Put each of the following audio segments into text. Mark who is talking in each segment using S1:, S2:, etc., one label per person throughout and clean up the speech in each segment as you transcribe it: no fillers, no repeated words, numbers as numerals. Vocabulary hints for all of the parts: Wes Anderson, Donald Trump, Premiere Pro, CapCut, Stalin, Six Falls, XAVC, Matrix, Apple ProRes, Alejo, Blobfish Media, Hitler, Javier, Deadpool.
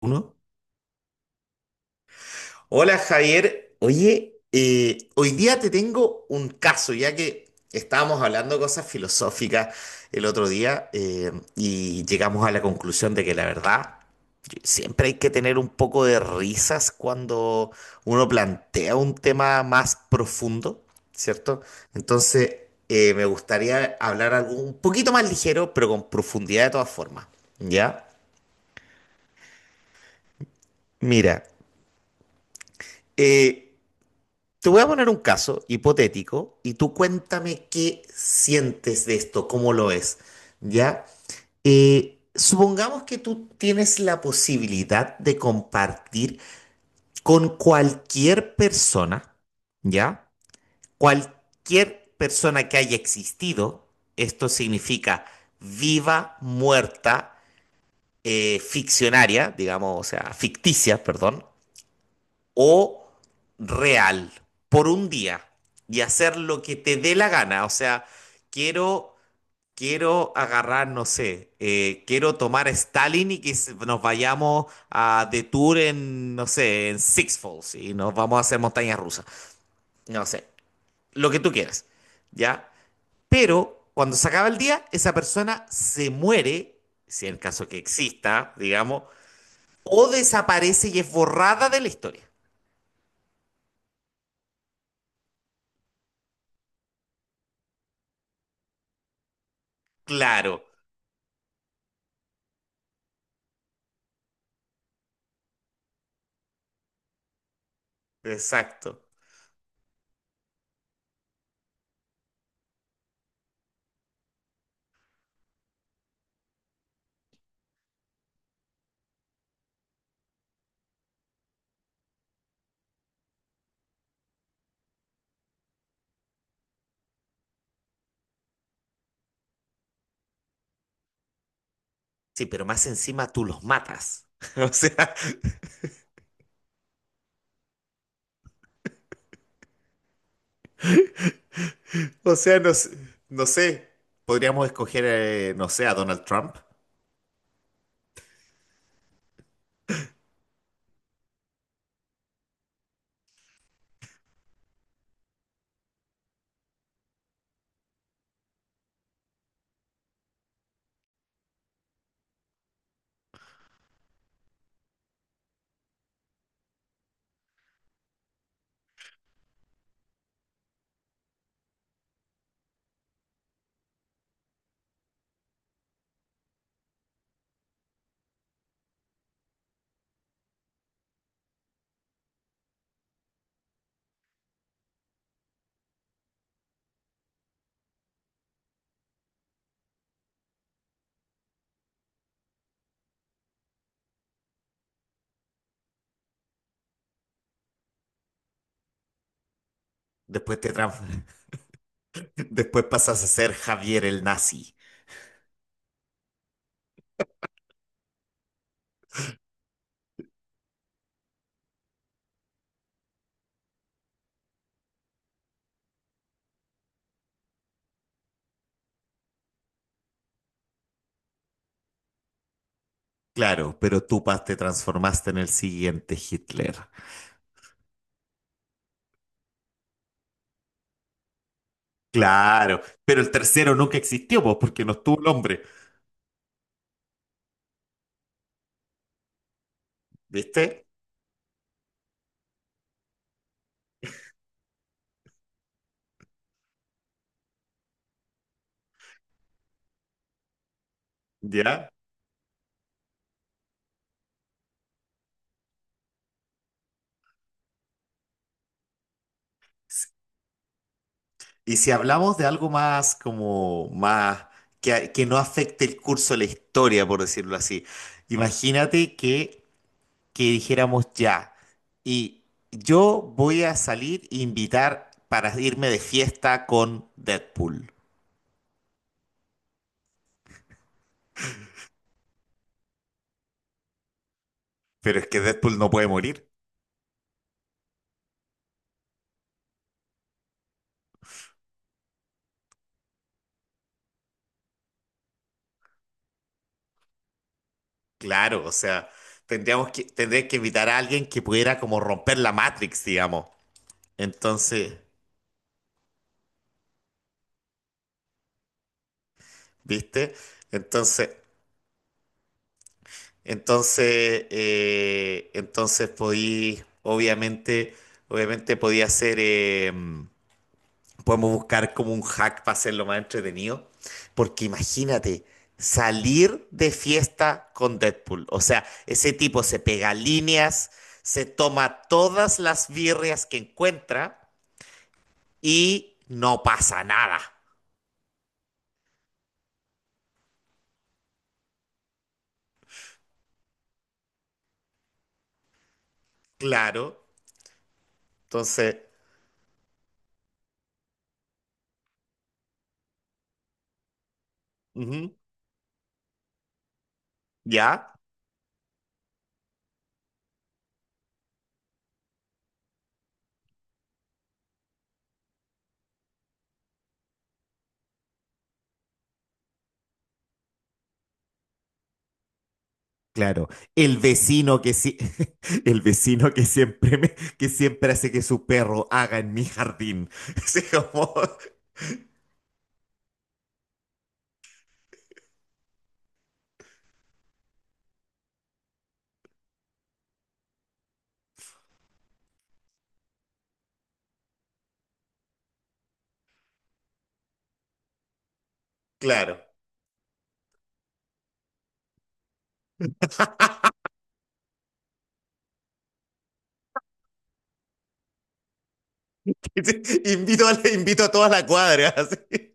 S1: Uno. Hola Javier, oye, hoy día te tengo un caso, ya que estábamos hablando de cosas filosóficas el otro día y llegamos a la conclusión de que la verdad siempre hay que tener un poco de risas cuando uno plantea un tema más profundo, ¿cierto? Entonces, me gustaría hablar algo un poquito más ligero, pero con profundidad de todas formas, ¿ya? Mira, eh, te voy a poner un caso hipotético y tú cuéntame qué sientes de esto, cómo lo es, ¿ya? Supongamos que tú tienes la posibilidad de compartir con cualquier persona, ¿ya? Cualquier persona que haya existido, esto significa viva, muerta, ficcionaria, digamos, o sea, ficticia, perdón, o real por un día y hacer lo que te dé la gana. O sea, quiero, quiero agarrar, no sé, quiero tomar Stalin y que nos vayamos a de tour en, no sé, en Six Falls y nos vamos a hacer montañas rusas. No sé, lo que tú quieras, ¿ya? Pero cuando se acaba el día, esa persona se muere, si en el caso que exista, digamos, o desaparece y es borrada de la historia. Claro, exacto. Sí, pero más encima tú los matas. O sea, o sea, no, no sé. Podríamos escoger, no sé, a Donald Trump. Después te tran- después pasas a ser Javier el nazi. Claro, pero tú te transformaste en el siguiente Hitler. Claro, pero el tercero nunca existió, pues, porque no estuvo el hombre. ¿Viste? ¿Ya? Y si hablamos de algo más como más que no afecte el curso de la historia, por decirlo así, imagínate que dijéramos ya. Y yo voy a salir e invitar para irme de fiesta con Deadpool. Pero es que Deadpool no puede morir. Claro, o sea, tendría que invitar a alguien que pudiera como romper la Matrix, digamos. Entonces, ¿viste? Entonces, entonces, entonces podí, obviamente, obviamente podía ser... podemos buscar como un hack para hacerlo más entretenido. Porque imagínate, salir de fiesta con Deadpool. O sea, ese tipo se pega líneas, se toma todas las birrias que encuentra y no pasa nada. Claro. Entonces, ujú, ¿ya? Claro, el vecino que sí, el vecino que que siempre hace que su perro haga en mi jardín. Así como, claro. Invito a toda la cuadra. así.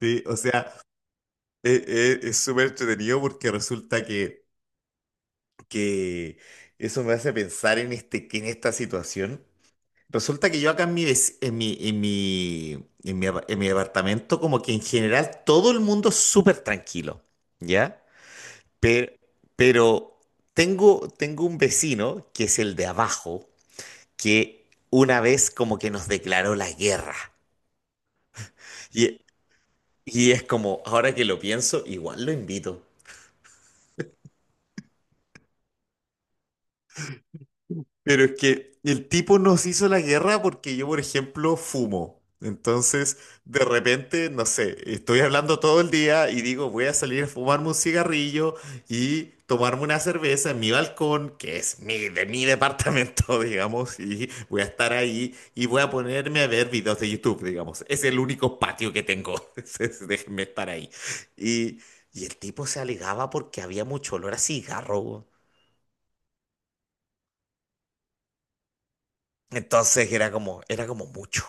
S1: Sí, o sea, es súper entretenido porque resulta que eso me hace pensar en, este, que en esta situación. Resulta que yo acá en mi, vec- en mi, en mi, en mi, apa- en mi departamento, como que en general todo el mundo es súper tranquilo, ¿ya? Pero, pero tengo un vecino, que es el de abajo, que una vez como que nos declaró la guerra. Y es como, ahora que lo pienso, igual lo invito. Pero es que el tipo nos hizo la guerra porque yo, por ejemplo, fumo. Entonces, de repente, no sé, estoy hablando todo el día y digo, voy a salir a fumarme un cigarrillo y tomarme una cerveza en mi balcón, que es de mi departamento, digamos, y voy a estar ahí y voy a ponerme a ver videos de YouTube, digamos. Es el único patio que tengo. Entonces, déjenme estar ahí. Y, y el tipo se alegaba porque había mucho olor a cigarro. Entonces era como mucho.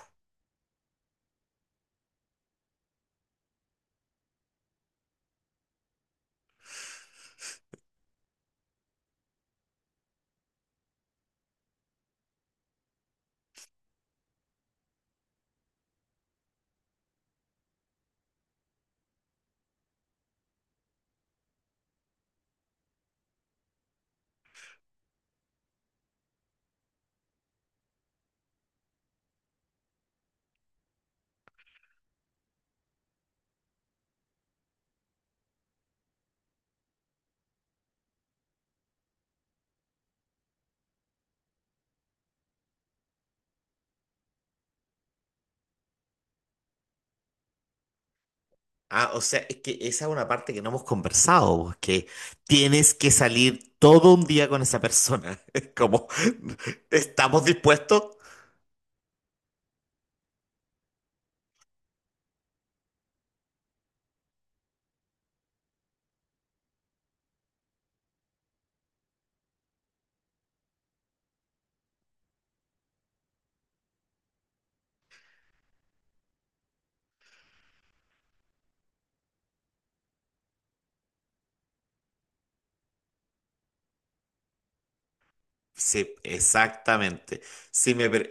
S1: Ah, o sea, es que esa es una parte que no hemos conversado, pues, que tienes que salir todo un día con esa persona. Es como, ¿estamos dispuestos? Sí, exactamente. Si me, pre-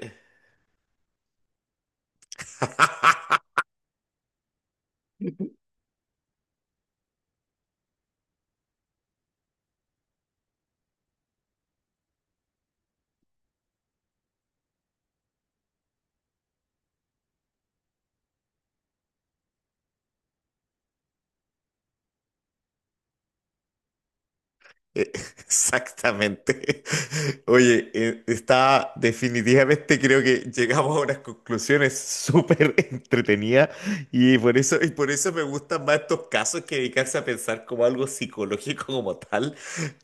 S1: Eh, exactamente. Oye, está definitivamente creo que llegamos a unas conclusiones súper entretenidas y por eso me gustan más estos casos que dedicarse a pensar como algo psicológico como tal.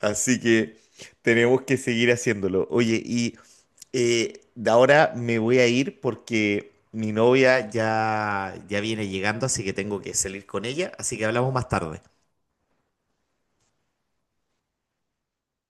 S1: Así que tenemos que seguir haciéndolo. Oye, y de ahora me voy a ir porque mi novia ya viene llegando, así que tengo que salir con ella, así que hablamos más tarde.